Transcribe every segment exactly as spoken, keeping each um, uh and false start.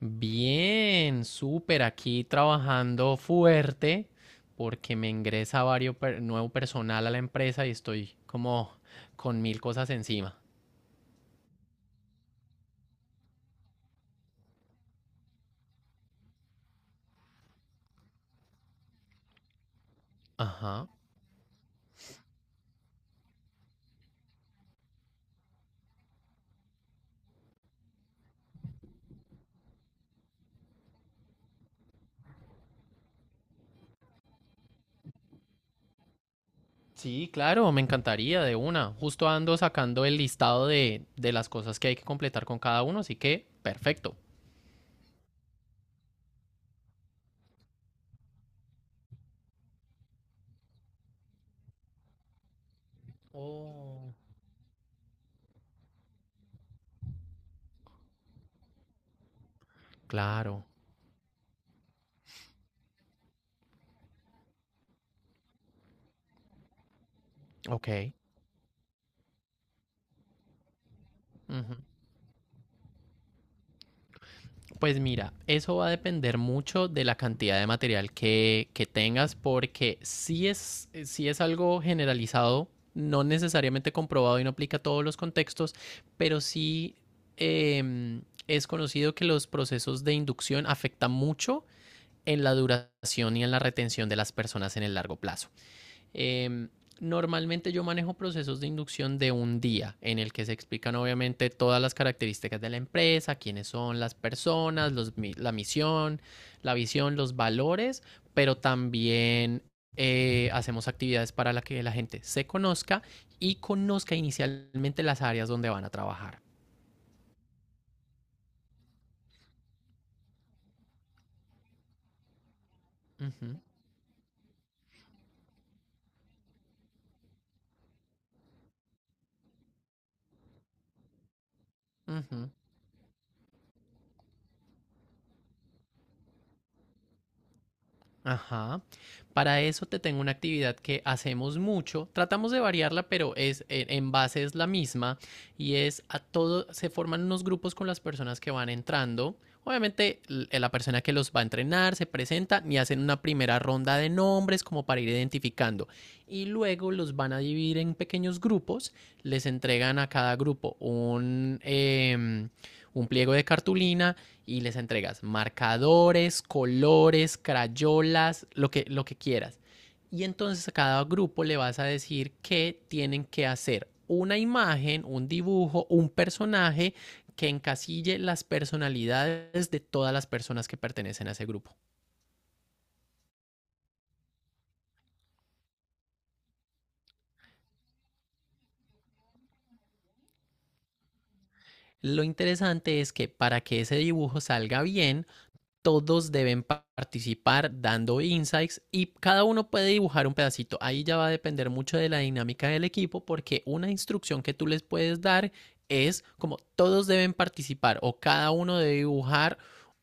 Bien, súper, aquí trabajando fuerte porque me ingresa vario per- nuevo personal a la empresa y estoy como con mil cosas encima. Ajá. Sí, claro, me encantaría de una. Justo ando sacando el listado de, de las cosas que hay que completar con cada uno, así que perfecto. Oh. Claro, ok. Ujú. Pues mira, eso va a depender mucho de la cantidad de material que, que tengas, porque si es, si es algo generalizado, no necesariamente comprobado y no aplica a todos los contextos, pero sí eh, es conocido que los procesos de inducción afectan mucho en la duración y en la retención de las personas en el largo plazo. Eh, Normalmente yo manejo procesos de inducción de un día en el que se explican obviamente todas las características de la empresa, quiénes son las personas, los, la misión, la visión, los valores, pero también eh, hacemos actividades para la que la gente se conozca y conozca inicialmente las áreas donde van a trabajar. Uh -huh, uh -huh. Ajá. Para eso te tengo una actividad que hacemos mucho. Tratamos de variarla, pero es en en base es la misma y es a todo se forman unos grupos con las personas que van entrando. Obviamente l- eh, la persona que los va a entrenar se presenta y hacen una primera ronda de nombres como para ir identificando y luego los van a dividir en pequeños grupos. Les entregan a cada grupo un em, un pliego de cartulina y les entregas marcadores, colores, crayolas, lo que, lo que quieras. Y entonces a cada grupo le vas a decir que tienen que hacer una imagen, un dibujo, un personaje que encasille las personalidades de todas las personas que pertenecen a ese grupo. Lo interesante es que para que ese dibujo salga bien, todos deben participar dando insights y cada uno puede dibujar un pedacito. Ahí ya va a depender mucho de la dinámica del equipo porque una instrucción que tú les puedes dar es como todos deben participar o cada uno debe dibujar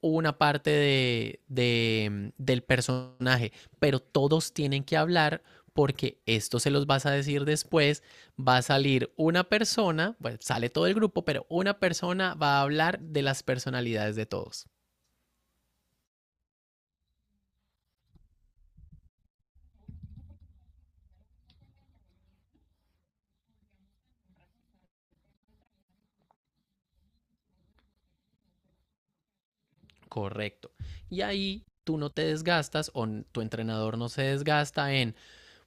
una parte de, de- del personaje, pero todos tienen que hablar porque esto se los vas a decir después, va a salir una persona, bueno, sale todo el grupo, pero una persona va a hablar de las personalidades de todos. Correcto. Y ahí tú no te desgastas o tu entrenador no se desgasta en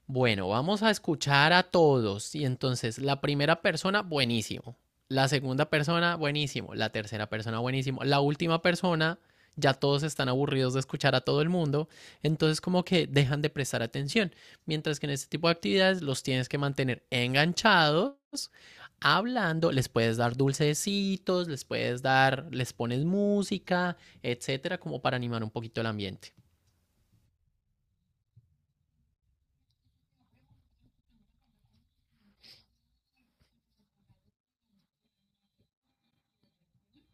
bueno, vamos a escuchar a todos. Y entonces, la primera persona, buenísimo. La segunda persona, buenísimo. La tercera persona, buenísimo. La última persona, ya todos están aburridos de escuchar a todo el mundo. Entonces, como que dejan de prestar atención. Mientras que en este tipo de actividades los tienes que mantener enganchados, hablando. Les puedes dar dulcecitos, les puedes dar, les pones música, etcétera, como para animar un poquito el ambiente.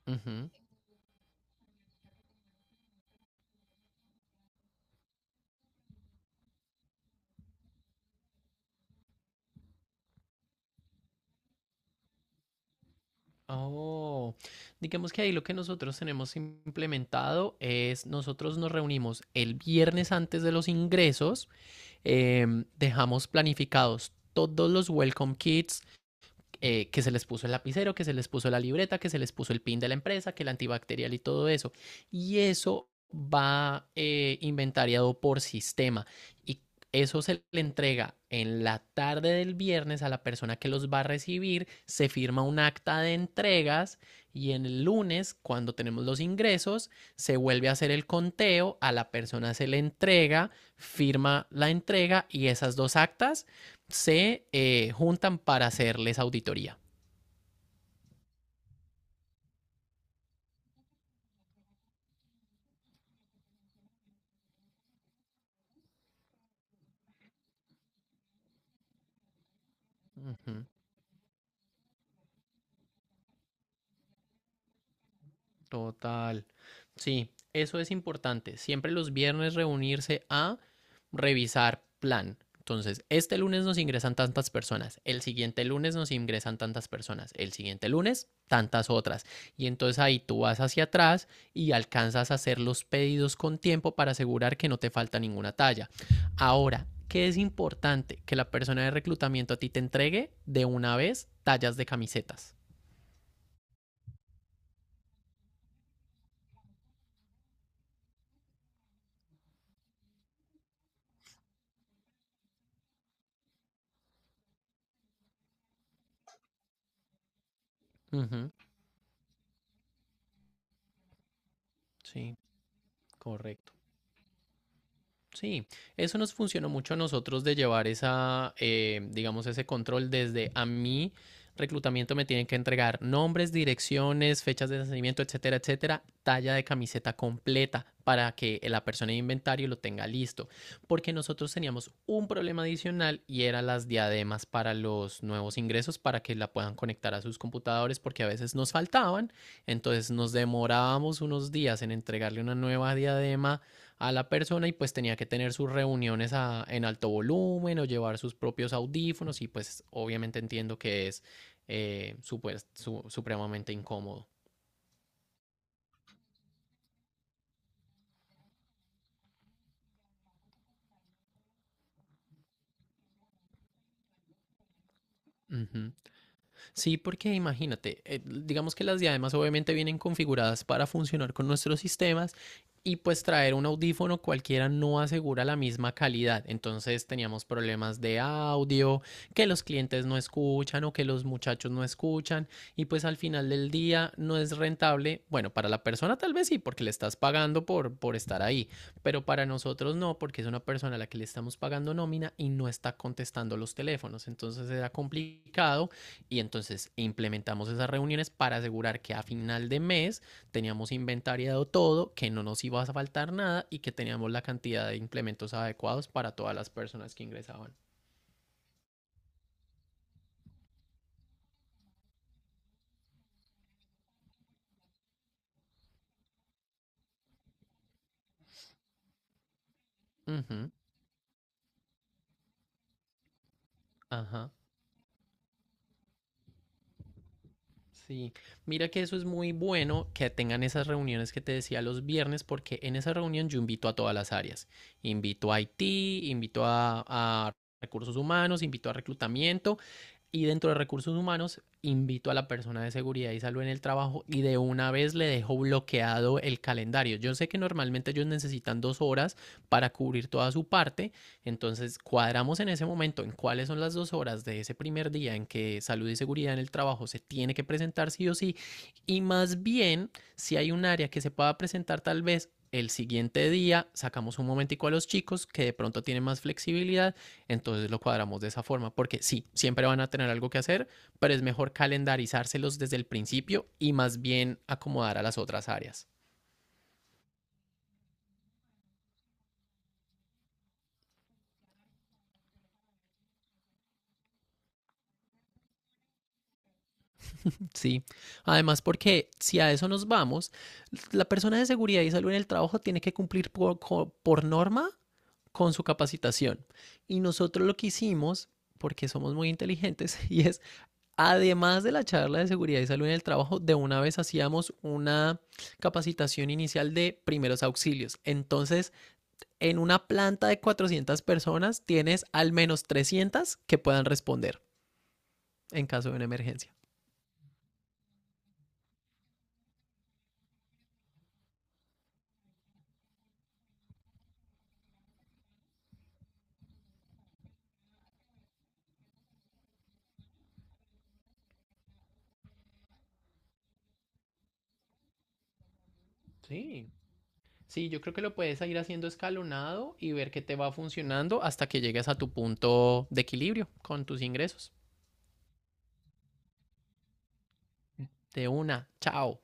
Ujú. Oh, digamos que ahí lo que nosotros tenemos implementado es nosotros nos reunimos el viernes antes de los ingresos, em, dejamos planificados todos los welcome kits, eh, que se les puso el lapicero, que se les puso la libreta, que se les puso el pin de la empresa, que el antibacterial y todo eso. Y eso va eh, inventariado por sistema y eso se le entrega en la tarde del viernes a la persona que los va a recibir, se firma un acta de entregas y en el lunes, cuando tenemos los ingresos, se vuelve a hacer el conteo, a la persona se le entrega, firma la entrega y esas dos actas se eh, juntan para hacerles auditoría. Ujú. Total. Sí, eso es importante. Siempre los viernes reunirse a revisar plan. Entonces, este lunes nos ingresan tantas personas, el siguiente lunes nos ingresan tantas personas, el siguiente lunes tantas otras. Y entonces ahí tú vas hacia atrás y alcanzas a hacer los pedidos con tiempo para asegurar que no te falta ninguna talla. Ahora, ¿qué es importante? Que la persona de reclutamiento a ti te entregue de una vez tallas de camisetas. Ujú, sí, correcto. Sí, eso nos funcionó mucho a nosotros de llevar esa, eh, digamos, ese control desde a mí. Reclutamiento me tienen que entregar nombres, direcciones, fechas de nacimiento, etcétera, etcétera, talla de camiseta completa para que la persona de inventario lo tenga listo. Porque nosotros teníamos un problema adicional y era las diademas para los nuevos ingresos para que la puedan conectar a sus computadores porque a veces nos faltaban. Entonces nos demorábamos unos días en entregarle una nueva diadema a la persona y pues tenía que tener sus reuniones a- en alto volumen o llevar sus propios audífonos y pues obviamente entiendo que es eh, supues- su- supremamente incómodo. Ujú. Sí, porque imagínate, eh, digamos que las diademas obviamente vienen configuradas para funcionar con nuestros sistemas y pues traer un audífono cualquiera no asegura la misma calidad. Entonces teníamos problemas de audio, que los clientes no escuchan o que los muchachos no escuchan y pues al final del día no es rentable. Bueno, para la persona tal vez sí, porque le estás pagando por, por estar ahí, pero para nosotros no, porque es una persona a la que le estamos pagando nómina y no está contestando los teléfonos. Entonces era complicado y entonces implementamos esas reuniones para asegurar que a final de mes teníamos inventariado todo, que no nos iba a faltar nada y que teníamos la cantidad de implementos adecuados para todas las personas que ingresaban. Ujú, ajá. Sí, mira que eso es muy bueno que tengan esas reuniones que te decía los viernes, porque en esa reunión yo invito a todas las áreas. Invito a I T, invito a, a recursos humanos, invito a reclutamiento y dentro de recursos humanos invito a la persona de seguridad y salud en el trabajo y de una vez le dejo bloqueado el calendario. Yo sé que normalmente ellos necesitan dos horas para cubrir toda su parte, entonces cuadramos en ese momento en cuáles son las dos horas de ese primer día en que salud y seguridad en el trabajo se tiene que presentar sí o sí y más bien si hay un área que se pueda presentar tal vez el siguiente día sacamos un momentico a los chicos que de pronto tienen más flexibilidad entonces lo cuadramos de esa forma, porque sí, siempre van a tener algo que hacer, pero es mejor calendarizárselos desde el principio y más bien acomodar a las otras áreas. Sí, además porque si a eso nos vamos, la persona de seguridad y salud en el trabajo tiene que cumplir por, por norma con su capacitación. Y nosotros lo que hicimos, porque somos muy inteligentes, y es, además de la charla de seguridad y salud en el trabajo, de una vez hacíamos una capacitación inicial de primeros auxilios. Entonces, en una planta de cuatrocientas personas tienes al menos trescientas que puedan responder en caso de una emergencia. Sí. Sí, yo creo que lo puedes ir haciendo escalonado y ver qué te va funcionando hasta que llegues a tu punto de equilibrio con tus ingresos. De una, chao.